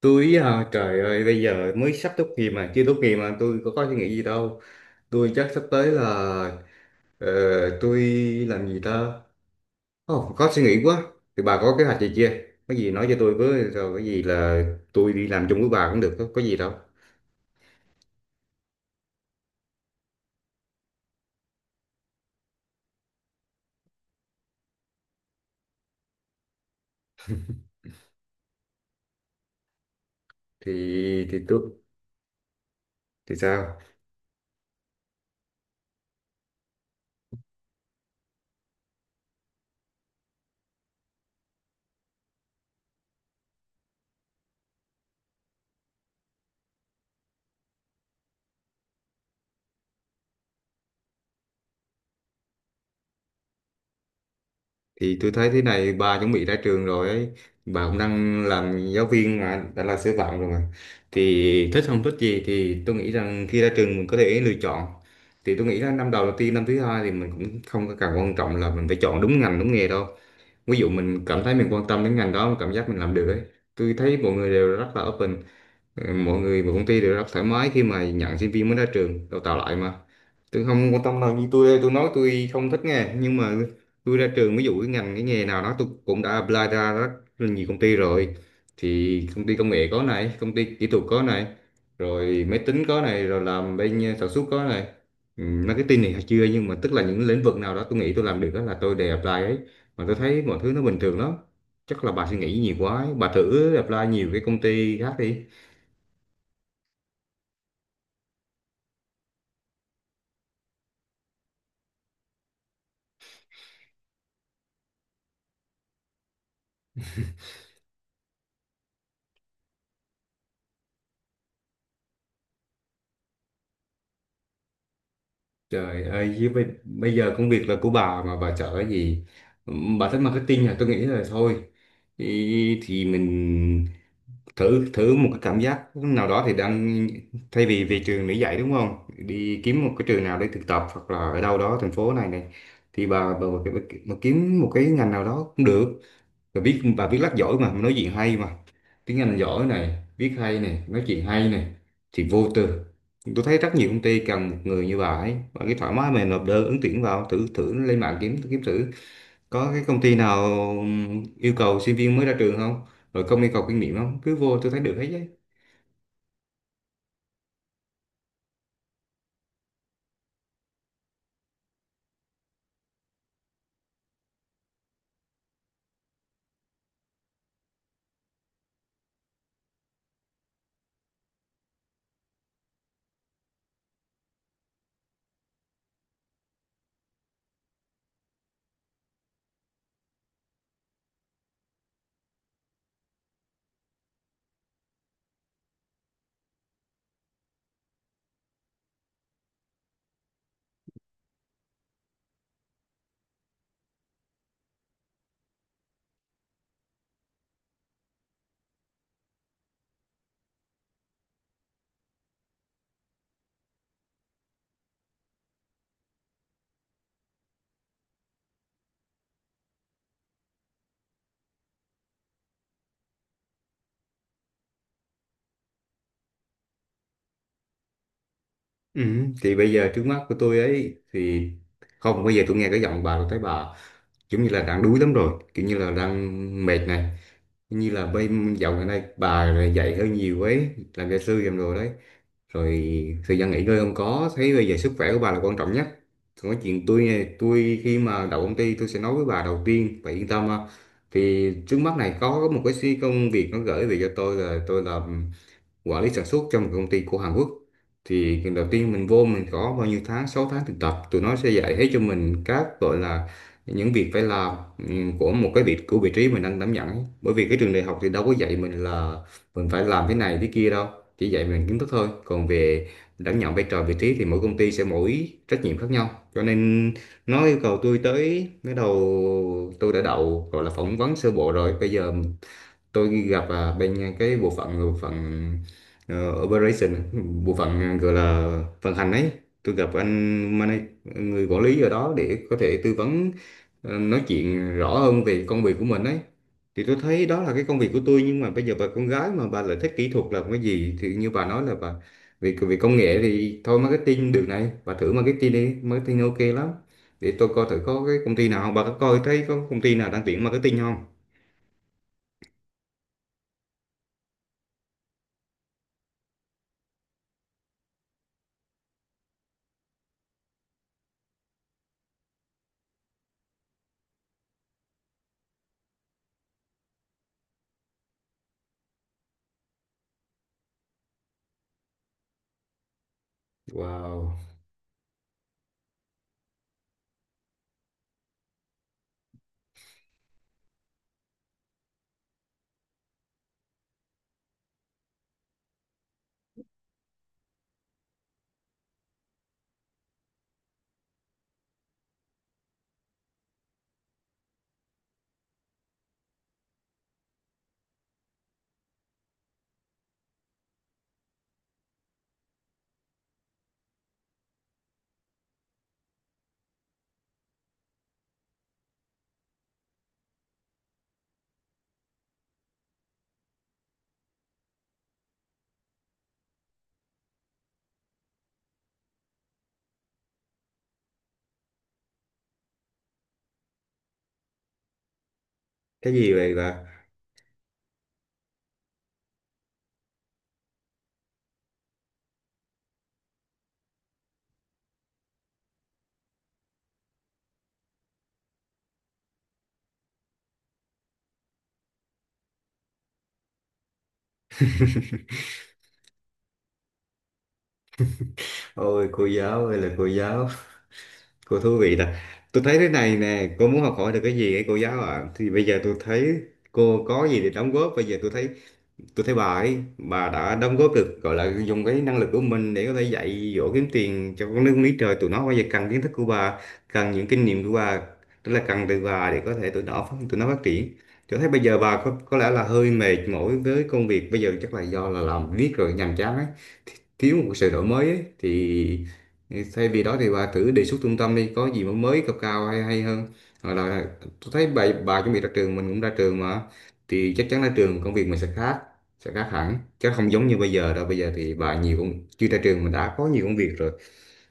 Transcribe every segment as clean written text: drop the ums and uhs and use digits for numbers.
Tôi hả? Trời ơi, bây giờ mới sắp tốt nghiệp mà, chưa tốt nghiệp mà tôi có suy nghĩ gì đâu. Tôi chắc sắp tới là ờ, tôi làm gì ta? Ồ, có suy nghĩ quá. Thì bà có kế hoạch gì chưa? Có gì nói cho tôi với, rồi có gì là tôi đi làm chung với bà cũng được, có gì đâu. Thì thì tôi thì sao? Thì tôi thấy thế này, bà chuẩn bị ra trường rồi ấy, bà cũng đang làm giáo viên mà đã là sư phạm rồi mà, thì thích không thích gì thì tôi nghĩ rằng khi ra trường mình có thể lựa chọn. Thì tôi nghĩ là năm đầu đầu tiên, năm thứ hai thì mình cũng không có cần quan trọng là mình phải chọn đúng ngành đúng nghề đâu. Ví dụ mình cảm thấy mình quan tâm đến ngành đó, cảm giác mình làm được ấy, tôi thấy mọi người đều rất là open. Ừ, mọi người và công ty đều rất thoải mái khi mà nhận sinh viên mới ra trường đào tạo lại mà, tôi không quan tâm đâu. Như tôi đây, tôi nói tôi không thích nghe nhưng mà tôi ra trường ví dụ cái ngành cái nghề nào đó tôi cũng đã apply ra rất là nhiều công ty rồi. Thì công ty công nghệ có này, công ty kỹ thuật có này, rồi máy tính có này, rồi làm bên sản xuất có này, ừ, marketing này chưa, nhưng mà tức là những lĩnh vực nào đó tôi nghĩ tôi làm được đó là tôi đều apply ấy, mà tôi thấy mọi thứ nó bình thường lắm. Chắc là bà suy nghĩ nhiều quá ấy. Bà thử apply nhiều cái công ty khác đi. Trời ơi, với bây giờ công việc là của bà mà bà chở cái gì? Bà thích marketing à? Tôi nghĩ là thôi. Thì mình thử thử một cái cảm giác nào đó thì đang, thay vì về trường để dạy đúng không? Đi kiếm một cái trường nào để thực tập hoặc là ở đâu đó thành phố này này, thì bà kiếm một cái ngành nào đó cũng được. Rồi viết và viết lách giỏi mà, nói chuyện hay mà, tiếng Anh giỏi này, viết hay này, nói chuyện hay này, thì vô tư. Tôi thấy rất nhiều công ty cần một người như bà ấy, và cái thoải mái mà nộp đơn ứng tuyển vào. Thử thử lên mạng kiếm kiếm thử có cái công ty nào yêu cầu sinh viên mới ra trường không, rồi không yêu cầu kinh nghiệm không, cứ vô, tôi thấy được hết đấy. Ừ. Thì bây giờ trước mắt của tôi ấy thì, không, bây giờ tôi nghe cái giọng bà tôi thấy bà giống như là đang đuối lắm rồi, kiểu như là đang mệt này, như là bên dạo gần đây bà là dạy hơi nhiều ấy, làm gia sư làm đồ đấy, rồi thời gian nghỉ ngơi không có thấy. Bây giờ sức khỏe của bà là quan trọng nhất. Còn cái chuyện tôi này, tôi khi mà đậu công ty tôi sẽ nói với bà đầu tiên, bà yên tâm ha. Thì trước mắt này có một cái xí công việc nó gửi về cho tôi, là tôi làm quản lý sản xuất trong một công ty của Hàn Quốc. Thì lần đầu tiên mình vô, mình có bao nhiêu tháng, 6 tháng thực tập, tụi nó sẽ dạy hết cho mình các gọi là những việc phải làm, của một cái vị, của vị trí mình đang đảm nhận ấy. Bởi vì cái trường đại học thì đâu có dạy mình là mình phải làm thế này thế kia đâu, chỉ dạy mình kiến thức thôi. Còn về đảm nhận vai trò vị trí thì mỗi công ty sẽ mỗi trách nhiệm khác nhau, cho nên nó yêu cầu tôi tới cái đầu. Tôi đã đậu gọi là phỏng vấn sơ bộ rồi, bây giờ tôi gặp bên cái bộ phận operation, bộ phận gọi là vận hành ấy. Tôi gặp người quản lý ở đó để có thể tư vấn, nói chuyện rõ hơn về công việc của mình ấy. Thì tôi thấy đó là cái công việc của tôi. Nhưng mà bây giờ bà con gái mà bà lại thích kỹ thuật là cái gì, thì như bà nói là bà về về công nghệ thì thôi, marketing được này, bà thử marketing đi, marketing ok lắm. Để tôi coi thử có cái công ty nào không, bà có coi thấy có công ty nào đang tuyển marketing không? Wow, cái gì vậy bà? Ôi cô giáo ơi là cô giáo, cô thú vị là, tôi thấy thế này nè, cô muốn học hỏi được cái gì ấy, cô giáo ạ? Thì bây giờ tôi thấy cô có gì để đóng góp bây giờ? Tôi thấy, tôi thấy bà ấy, bà đã đóng góp được, gọi là dùng cái năng lực của mình để có thể dạy dỗ, kiếm tiền cho con nước Mỹ. Trời, tụi nó bây giờ cần kiến thức của bà, cần những kinh nghiệm của bà, tức là cần từ bà để có thể tụi nó tụi nó phát triển. Tôi thấy bây giờ bà có lẽ là hơi mệt mỏi với công việc bây giờ, chắc là do là làm viết rồi nhàm chán ấy. Thi- Thiếu một sự đổi mới ấy. Thì thay vì đó thì bà thử đề xuất trung tâm đi, có gì mà mới, cao cao hay hay hơn. Hoặc là tôi thấy bà chuẩn bị ra trường, mình cũng ra trường mà, thì chắc chắn ra trường công việc mình sẽ khác, sẽ khác hẳn chứ không giống như bây giờ đâu. Bây giờ thì bà nhiều công chưa ra trường mình đã có nhiều công việc rồi.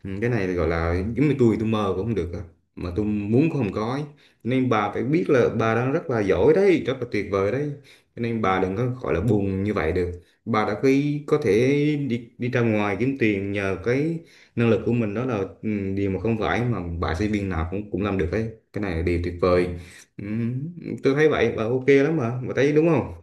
Ừ, cái này gọi là giống như tôi mơ cũng không được á, mà tôi muốn cũng không có ấy. Nên bà phải biết là bà đang rất là giỏi đấy, rất là tuyệt vời đấy, cho nên bà đừng có gọi là buồn như vậy được. Bà đã khi có thể đi, đi ra ngoài kiếm tiền nhờ cái năng lực của mình, đó là ừ, điều mà không phải mà bà sinh viên nào cũng cũng làm được đấy, cái này là điều tuyệt vời. Ừ, tôi thấy vậy bà ok lắm mà, bà thấy đúng không?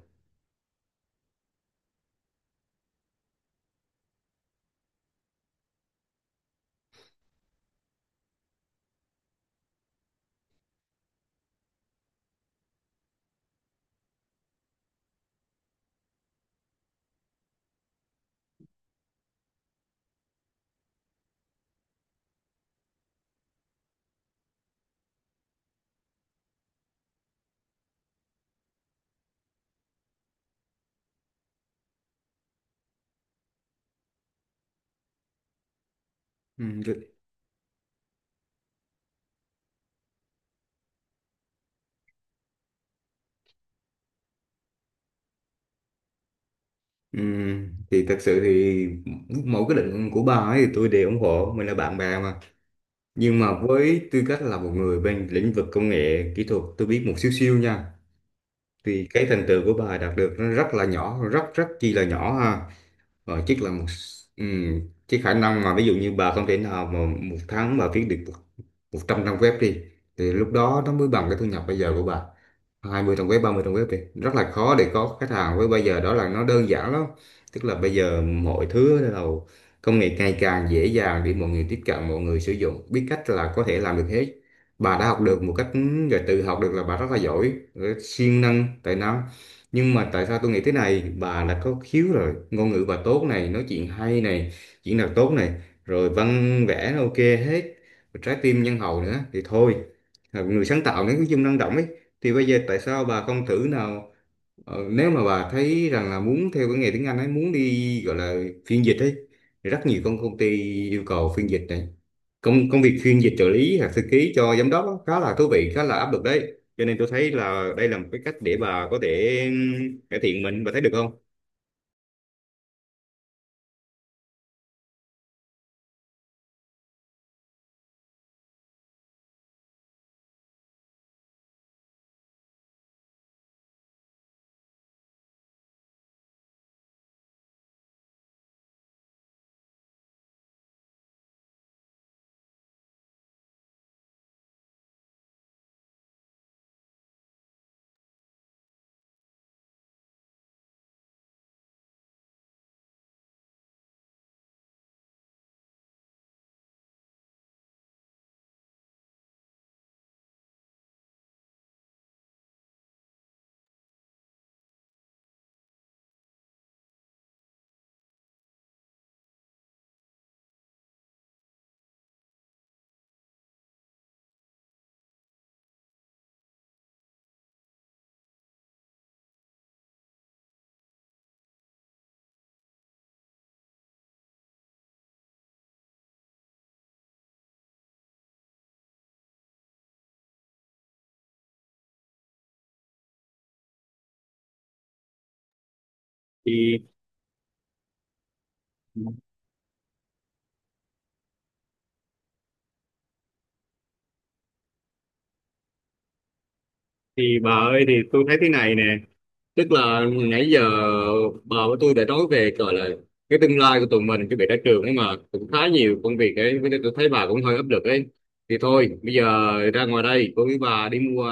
Ừ. Ừ, thì thật sự thì mỗi cái định của bà ấy thì tôi đều ủng hộ, mình là bạn bè mà. Nhưng mà với tư cách là một người bên lĩnh vực công nghệ kỹ thuật, tôi biết một xíu xíu nha, thì cái thành tựu của bà đạt được nó rất là nhỏ, rất rất chi là nhỏ ha, và chắc là một ừm, cái khả năng mà ví dụ như bà không thể nào mà một tháng bà viết được một 100 trang web đi, thì lúc đó nó mới bằng cái thu nhập bây giờ của bà. 20 trang web, 30 trang web đi, rất là khó để có khách hàng. Với bây giờ đó là nó đơn giản lắm, tức là bây giờ mọi thứ bắt đầu công nghệ ngày càng dễ dàng để mọi người tiếp cận, mọi người sử dụng biết cách là có thể làm được hết. Bà đã học được một cách rồi tự học được là bà rất là giỏi rồi, siêng năng tài năng. Nhưng mà tại sao tôi nghĩ thế này, bà là có khiếu rồi, ngôn ngữ bà tốt này, nói chuyện hay này, diễn đạt tốt này, rồi văn vẽ nó ok hết, rồi trái tim nhân hậu nữa, thì thôi, là người sáng tạo nữa, cái dung năng động ấy, thì bây giờ tại sao bà không thử nào, nếu mà bà thấy rằng là muốn theo cái nghề tiếng Anh ấy, muốn đi gọi là phiên dịch ấy, thì rất nhiều công công ty yêu cầu phiên dịch này, công công việc phiên dịch trợ lý hoặc thư ký cho giám đốc á, khá là thú vị, khá là áp lực đấy, cho nên tôi thấy là đây là một cái cách để bà có thể cải thiện mình, bà thấy được không? Thì thì bà ơi, thì tôi thấy thế này nè, tức là nãy giờ bà với tôi đã nói về gọi là cái tương lai của tụi mình, cái việc ra trường ấy mà cũng khá nhiều công việc ấy, với lại tôi thấy bà cũng hơi áp lực ấy, thì thôi bây giờ ra ngoài đây cô với bà đi mua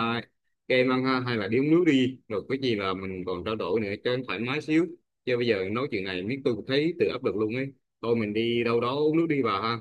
kem ăn ha, hay là đi uống nước đi, rồi cái gì là mình còn trao đổi nữa cho nó thoải mái xíu. Chứ bây giờ nói chuyện này biết tôi cũng thấy tự áp lực luôn ấy. Thôi mình đi đâu đó uống nước đi bà ha.